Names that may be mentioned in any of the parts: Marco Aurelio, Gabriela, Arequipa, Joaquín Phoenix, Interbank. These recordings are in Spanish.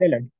Velan.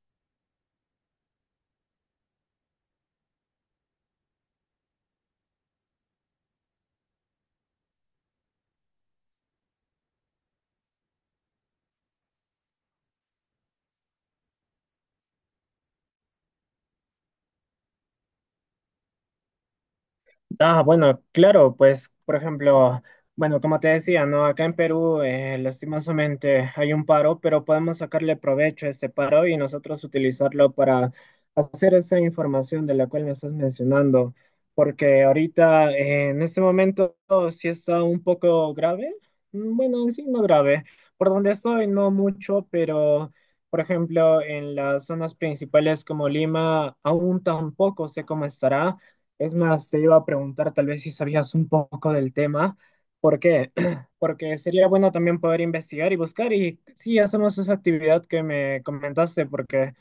Ah, bueno, claro, pues, por ejemplo, bueno, como te decía, ¿no? Acá en Perú, lastimosamente hay un paro, pero podemos sacarle provecho a ese paro y nosotros utilizarlo para hacer esa información de la cual me estás mencionando, porque ahorita, en este momento, sí está un poco grave. Bueno, en sí no grave. Por donde estoy, no mucho, pero... Por ejemplo, en las zonas principales como Lima, aún tampoco sé cómo estará. Es más, te iba a preguntar tal vez si sabías un poco del tema. ¿Por qué? Porque sería bueno también poder investigar y buscar. Y sí, hacemos esa actividad que me comentaste, porque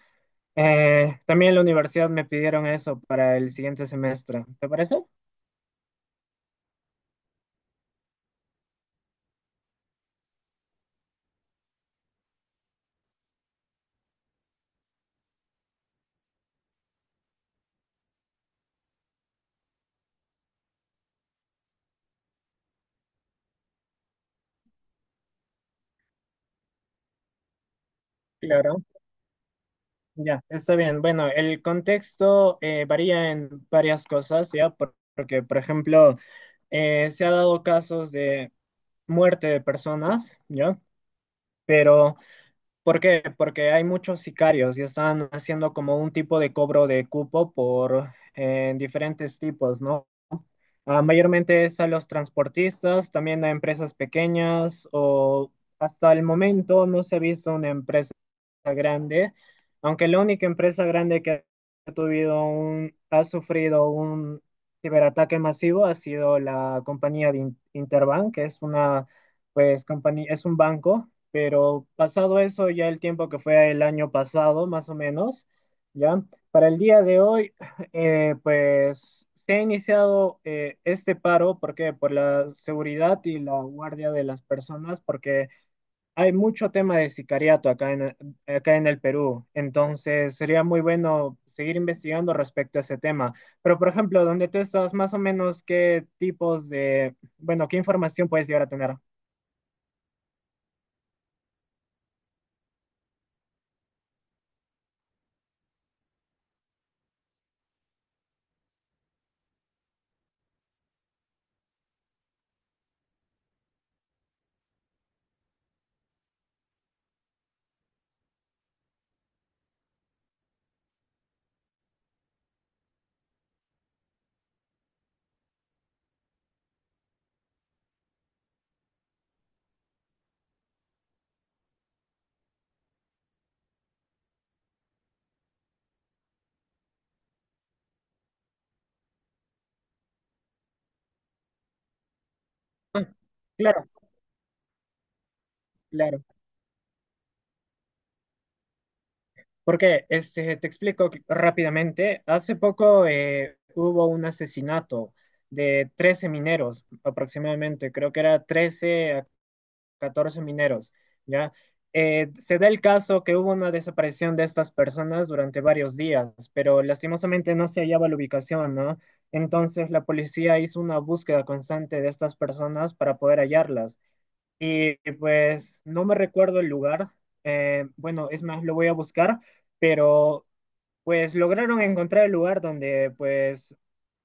también en la universidad me pidieron eso para el siguiente semestre. ¿Te parece? Claro. Ya, está bien. Bueno, el contexto varía en varias cosas, ¿ya? Porque, por ejemplo, se ha dado casos de muerte de personas, ¿ya? Pero ¿por qué? Porque hay muchos sicarios y están haciendo como un tipo de cobro de cupo por diferentes tipos, ¿no? Ah, mayormente es a los transportistas, también a empresas pequeñas o hasta el momento no se ha visto una empresa grande, aunque la única empresa grande que ha sufrido un ciberataque masivo ha sido la compañía de Interbank, que es una, pues, compañía, es un banco. Pero pasado eso, ya el tiempo que fue el año pasado, más o menos, ya, para el día de hoy, pues, se ha iniciado este paro, ¿por qué? Por la seguridad y la guardia de las personas, porque hay mucho tema de sicariato acá en el Perú. Entonces sería muy bueno seguir investigando respecto a ese tema. Pero, por ejemplo, donde tú estás, más o menos, ¿qué tipos de, bueno, qué información puedes llegar a tener? Ah, claro, claro. Porque este, te explico rápidamente. Hace poco hubo un asesinato de 13 mineros, aproximadamente. Creo que era 13., 14 mineros, ¿ya? Se da el caso que hubo una desaparición de estas personas durante varios días, pero lastimosamente no se hallaba la ubicación, ¿no? Entonces la policía hizo una búsqueda constante de estas personas para poder hallarlas. Y pues no me recuerdo el lugar, bueno, es más, lo voy a buscar, pero pues lograron encontrar el lugar donde pues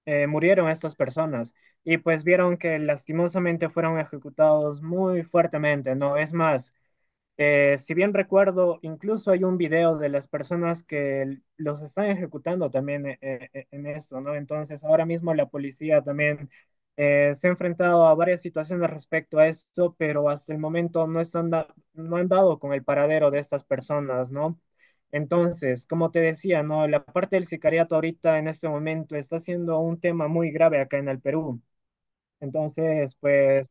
murieron estas personas, y pues vieron que lastimosamente fueron ejecutados muy fuertemente, ¿no? Es más, si bien recuerdo, incluso hay un video de las personas que los están ejecutando también en esto, ¿no? Entonces, ahora mismo la policía también se ha enfrentado a varias situaciones respecto a esto, pero hasta el momento no han dado con el paradero de estas personas, ¿no? Entonces, como te decía, ¿no? La parte del sicariato ahorita en este momento está siendo un tema muy grave acá en el Perú. Entonces, pues,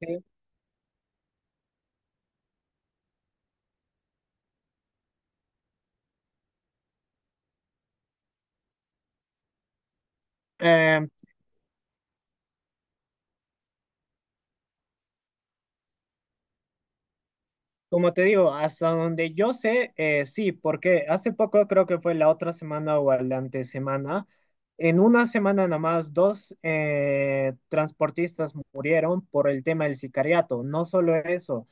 sí, eh, como te digo, hasta donde yo sé, sí, porque hace poco creo que fue la otra semana o la antesemana, en una semana nada más dos transportistas murieron por el tema del sicariato. No solo eso,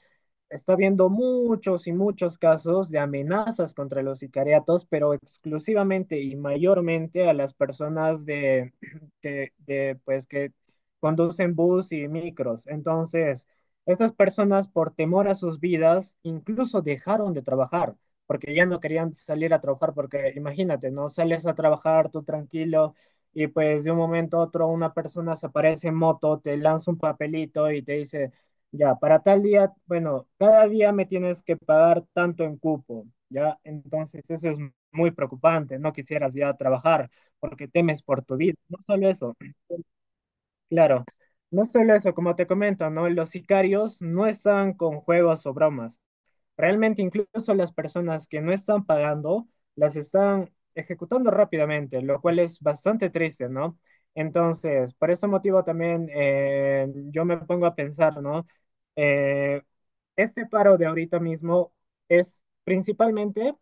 está habiendo muchos y muchos casos de amenazas contra los sicariatos, pero exclusivamente y mayormente a las personas de, que, de, pues, que conducen bus y micros. Entonces, estas personas, por temor a sus vidas, incluso dejaron de trabajar, porque ya no querían salir a trabajar, porque imagínate, ¿no? Sales a trabajar tú tranquilo y pues de un momento a otro una persona se aparece en moto, te lanza un papelito y te dice ya, para tal día, bueno, cada día me tienes que pagar tanto en cupo, ¿ya? Entonces eso es muy preocupante, no quisieras ya trabajar porque temes por tu vida. No solo eso, claro, no solo eso, como te comento, ¿no? Los sicarios no están con juegos o bromas. Realmente incluso las personas que no están pagando las están ejecutando rápidamente, lo cual es bastante triste, ¿no? Entonces, por ese motivo también yo me pongo a pensar, ¿no? Eh, este paro de ahorita mismo es principalmente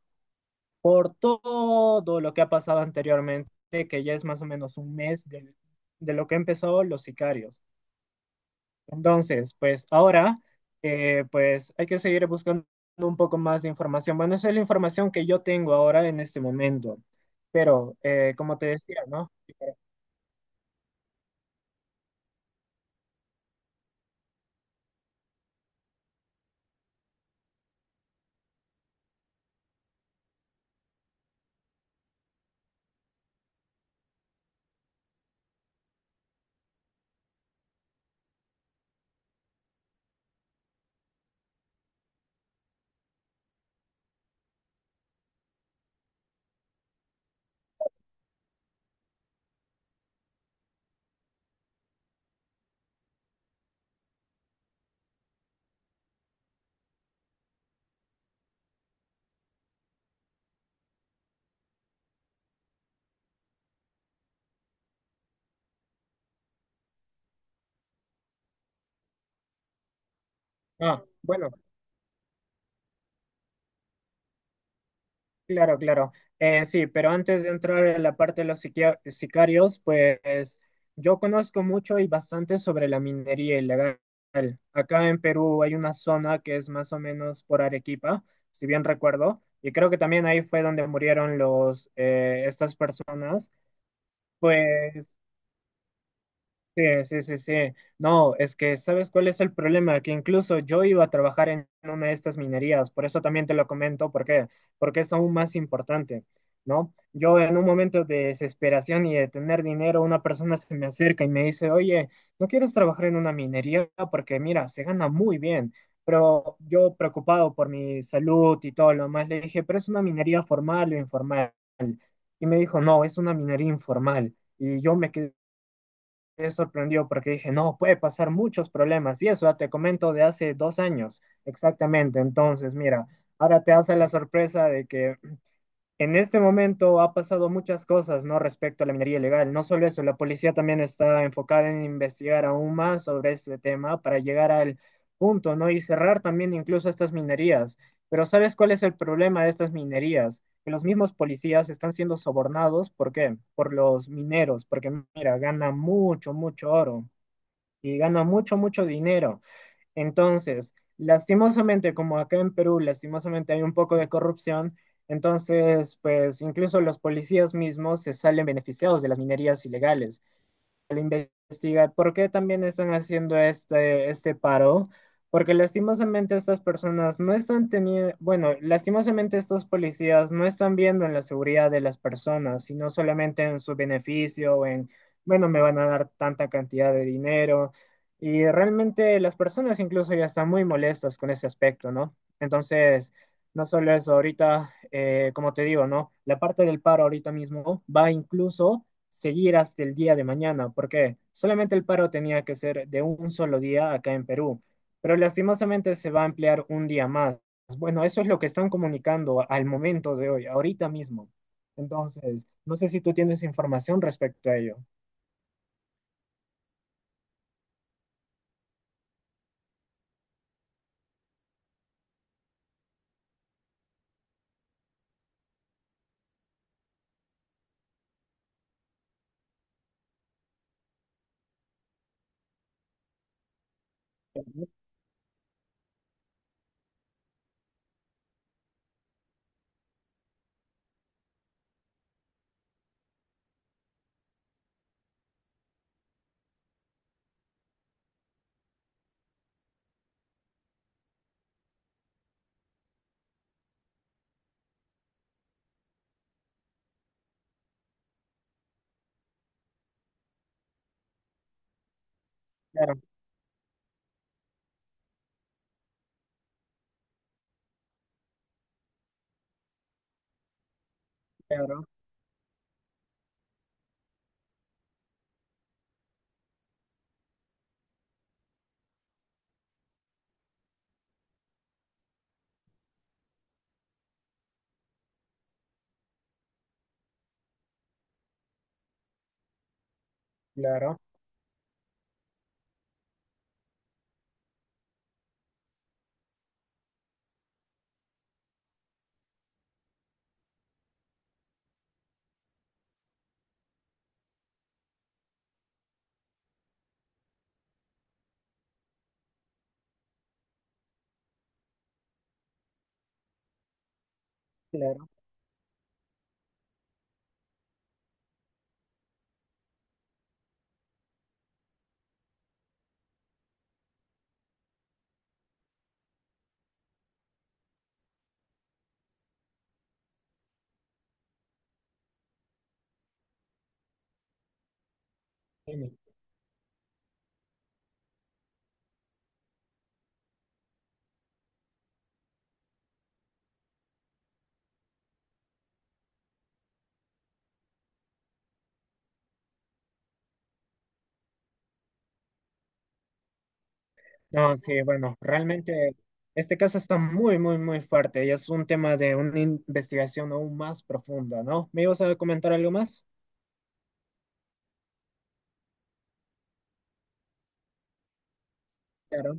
por todo lo que ha pasado anteriormente, que ya es más o menos un mes de lo que empezó los sicarios. Entonces, pues ahora, pues hay que seguir buscando un poco más de información. Bueno, esa es la información que yo tengo ahora en este momento. Pero, como te decía, ¿no? Ah, bueno, claro, claro. Sí, pero antes de entrar en la parte de los sicarios, pues yo conozco mucho y bastante sobre la minería ilegal. Acá en Perú hay una zona que es más o menos por Arequipa, si bien recuerdo, y creo que también ahí fue donde murieron los, estas personas. Pues. Sí, sí, sí, sí. No, es que ¿sabes cuál es el problema? Que incluso yo iba a trabajar en una de estas minerías, por eso también te lo comento, ¿por qué? Porque es aún más importante, ¿no? Yo en un momento de desesperación y de tener dinero, una persona se me acerca y me dice, oye, ¿no quieres trabajar en una minería? Porque mira, se gana muy bien, pero yo preocupado por mi salud y todo lo demás le dije, pero es una minería formal o informal. Y me dijo, no, es una minería informal. Y yo me sorprendió porque dije, no, puede pasar muchos problemas. Y eso ya te comento de hace 2 años, exactamente. Entonces, mira, ahora te hace la sorpresa de que en este momento ha pasado muchas cosas, ¿no? Respecto a la minería ilegal. No solo eso, la policía también está enfocada en investigar aún más sobre este tema para llegar al punto, ¿no? Y cerrar también incluso estas minerías. Pero ¿sabes cuál es el problema de estas minerías? Que los mismos policías están siendo sobornados, ¿por qué? Por los mineros, porque mira, ganan mucho, mucho oro y ganan mucho, mucho dinero. Entonces, lastimosamente, como acá en Perú, lastimosamente hay un poco de corrupción, entonces, pues incluso los policías mismos se salen beneficiados de las minerías ilegales al investigar por qué también están haciendo este paro, porque lastimosamente estas personas no están teniendo, bueno, lastimosamente estos policías no están viendo en la seguridad de las personas, sino solamente en su beneficio, o en, bueno, me van a dar tanta cantidad de dinero. Y realmente las personas incluso ya están muy molestas con ese aspecto, ¿no? Entonces, no solo eso, ahorita, como te digo, ¿no? La parte del paro ahorita mismo va incluso seguir hasta el día de mañana, porque solamente el paro tenía que ser de un solo día acá en Perú, pero lastimosamente se va a ampliar un día más. Bueno, eso es lo que están comunicando al momento de hoy, ahorita mismo. Entonces, no sé si tú tienes información respecto a ello. Claro, claro, claro, claro. Dime. No, sí, bueno, realmente este caso está muy, muy, muy fuerte y es un tema de una investigación aún más profunda, ¿no? ¿Me ibas a comentar algo más? Claro,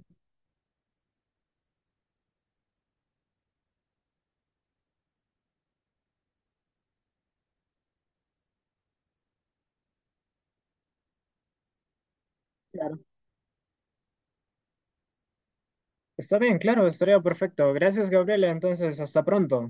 claro. Está bien, claro, estaría perfecto. Gracias, Gabriela. Entonces, hasta pronto.